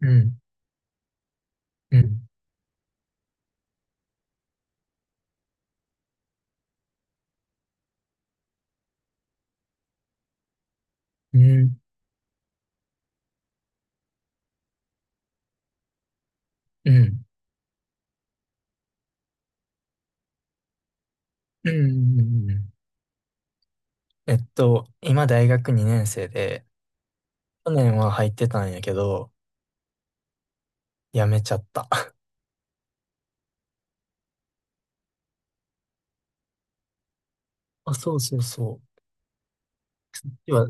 うん、うん、うん、うん、うん、うん。うん。今大学2年生で、去年は入ってたんやけど、辞めちゃった。あ、そうそうそう。要は、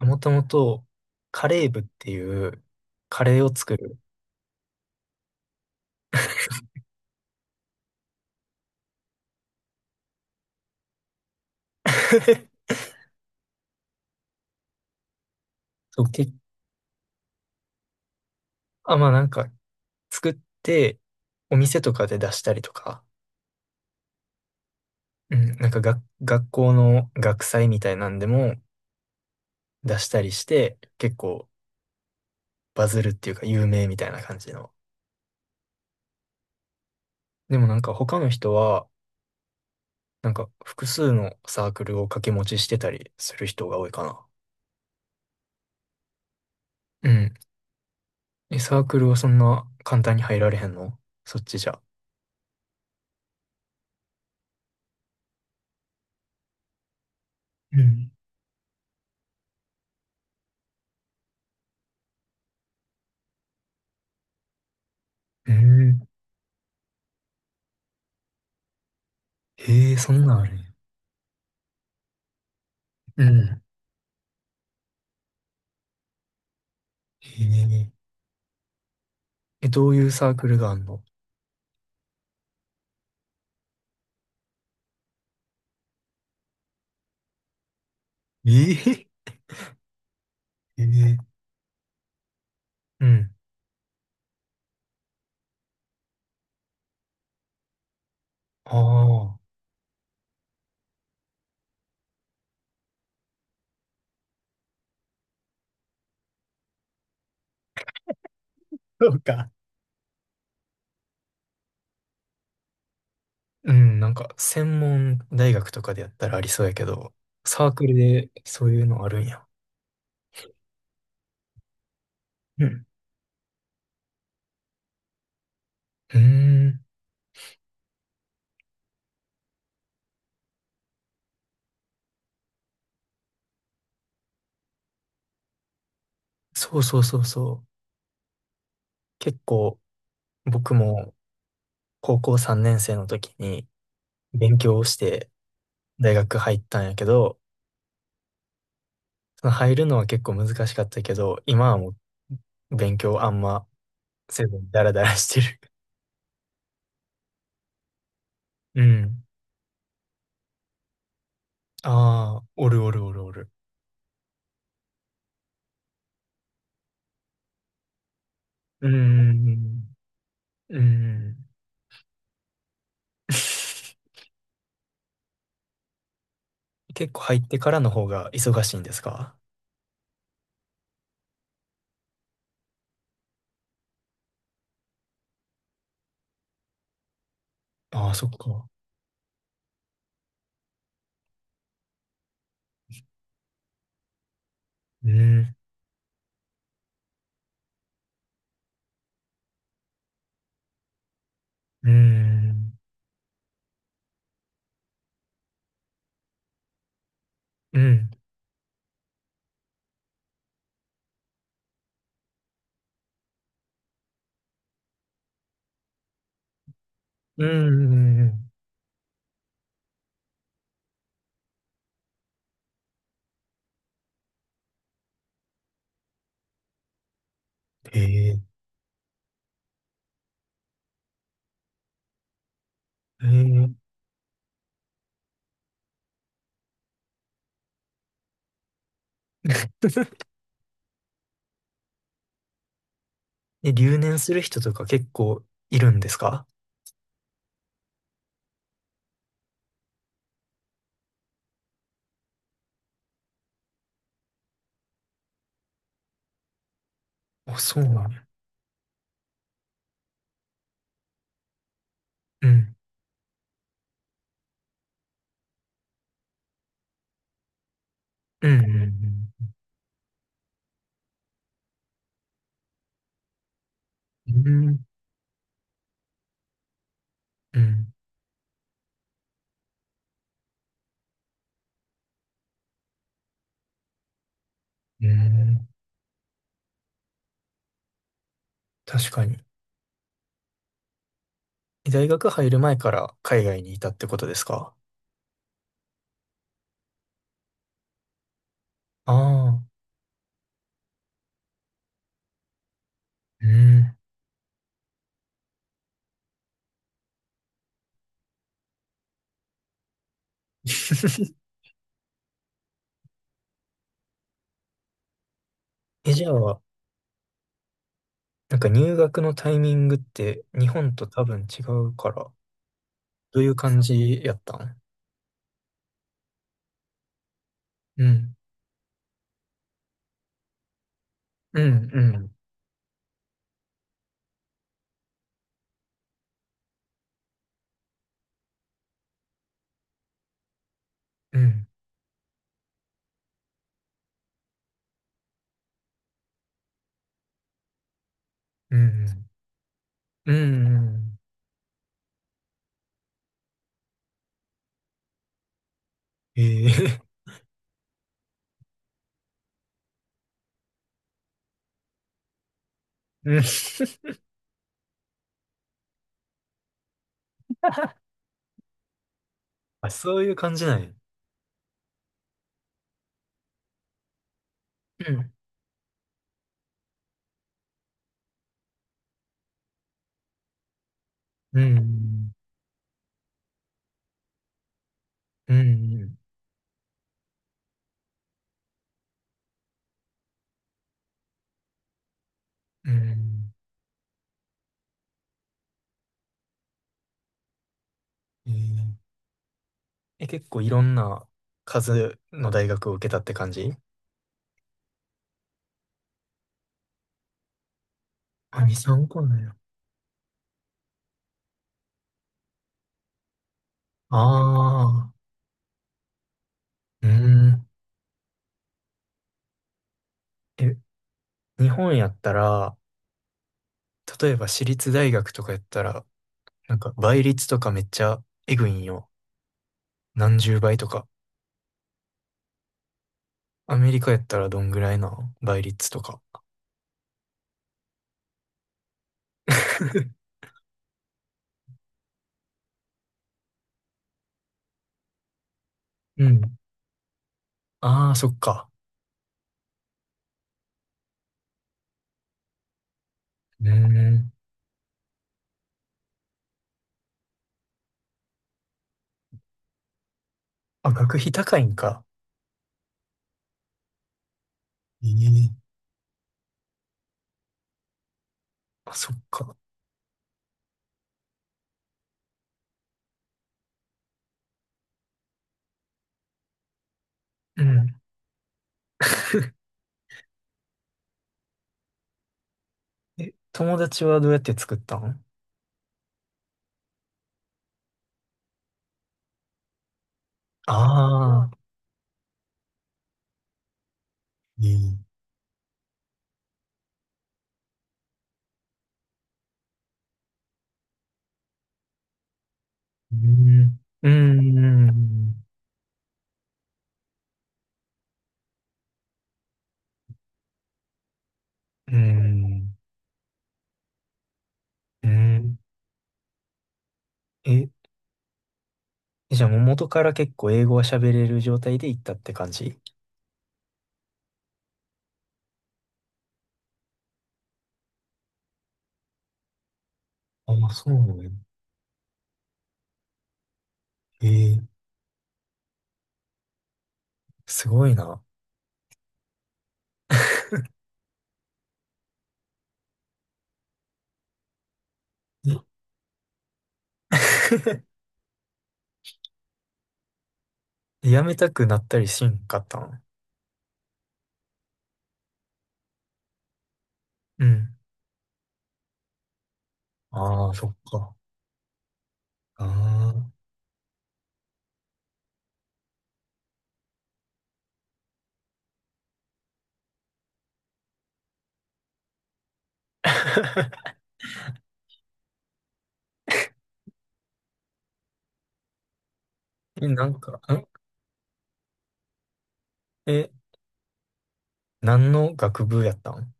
もともと、カレー部っていう、カレーを作る。そう、あ、まあなんか、作って、お店とかで出したりとか、うん、なんかが、学校の学祭みたいなんでも出したりして、結構バズるっていうか有名みたいな感じの。でもなんか他の人は、なんか複数のサークルを掛け持ちしてたりする人が多いかな。うん。え、サークルはそんな簡単に入られへんの、そっちじゃ？うん。うん。へえ、そんなんあるんや。うん。へえ。え、どういうサークルがあんの？ええ、へえ、うん。ああ。そうか。うん、なんか専門大学とかでやったらありそうやけど、サークルでそういうのあるんや。うん。うーん。そうそうそうそう。結構僕も高校3年生の時に勉強をして大学入ったんやけど、その入るのは結構難しかったけど、今はもう勉強あんませずにダラダラしてる。うん。ああ、おるおるおるおる。うーん。うーん。結構入ってからの方が忙しいんですか？ああー、そっか。うん。うーん。うん。うん。うんうんうん、へえ。へえ。え、留年する人とか結構いるんですか？あ、そうなの。うん。うん、うん、うん。うん、うん。うん、確かに。え、大学入る前から海外にいたってことですか？ああー、うん。え、じゃあ、なんか入学のタイミングって日本と多分違うから、どういう感じやったん？うん。うん、うん、うん、うん、うん、うん。ええー、うん。あ、そういう感じなんや。うん。うん。うん、うん。うん。え、結構いろんな数の大学を受けたって感じ？あ、2、3個なんや。ああ、うん。え、日本やったら、例えば私立大学とかやったら、なんか倍率とかめっちゃえぐいんよ。何十倍とか。アメリカやったらどんぐらいな、倍率とか？うん。ああ、そっか。うん。あ、学費高いんか？ええ、あ、そっか。うん。え、友達はどうやって作ったん？ああー、いい。うん。うーん、うーん、うーん。え、じゃあもう元から結構英語は喋れる状態で行ったって感じ？ああ、そうなのね。えー、すごいな。え、 やめたくなったりしんかったん？うん。ああ、そっか。ああ、え、なんか、んえ、何の学部やったん？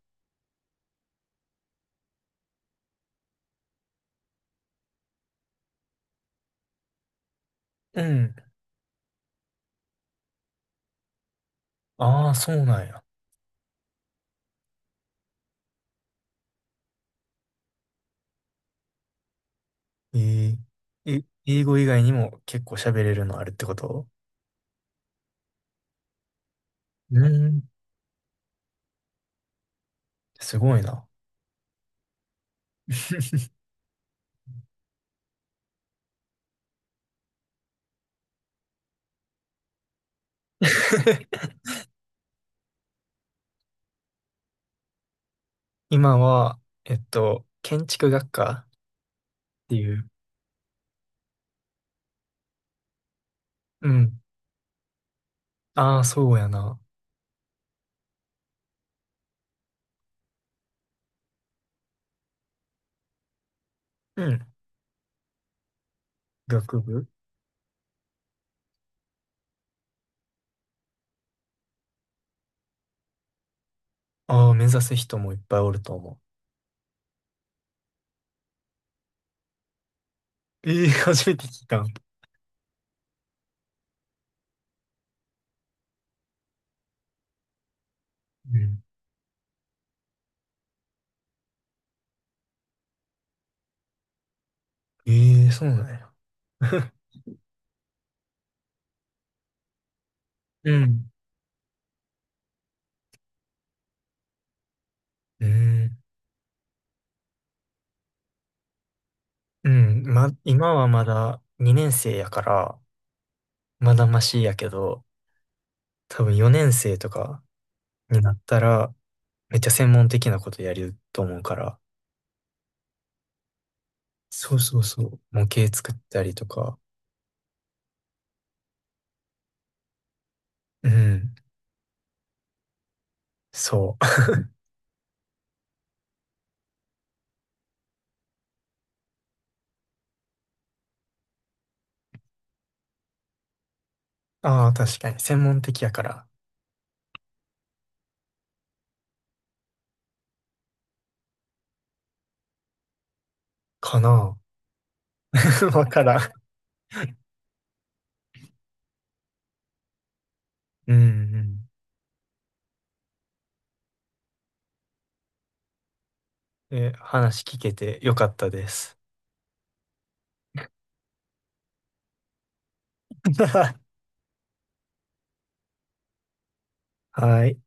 うん。ああ、そうなんや。ええ、英語以外にも結構喋れるのあるってこと？うん、すごいな。今は、建築学科っていう。うん。ああ、そうやな。うん。学部。ああー、目指す人もいっぱいおると思う。ええ、 初めて聞いた。うん。ええ、そうなんや。うん。うん。うん。ま、今はまだ2年生やから、まだマシやけど、多分4年生とかになったら、めっちゃ専門的なことやると思うから。そうそうそう。模型作ったりとか。うん。そう。ああ、確かに。専門的やから。かな。わからん。うんうん。え、話聞けてよかったです。はい。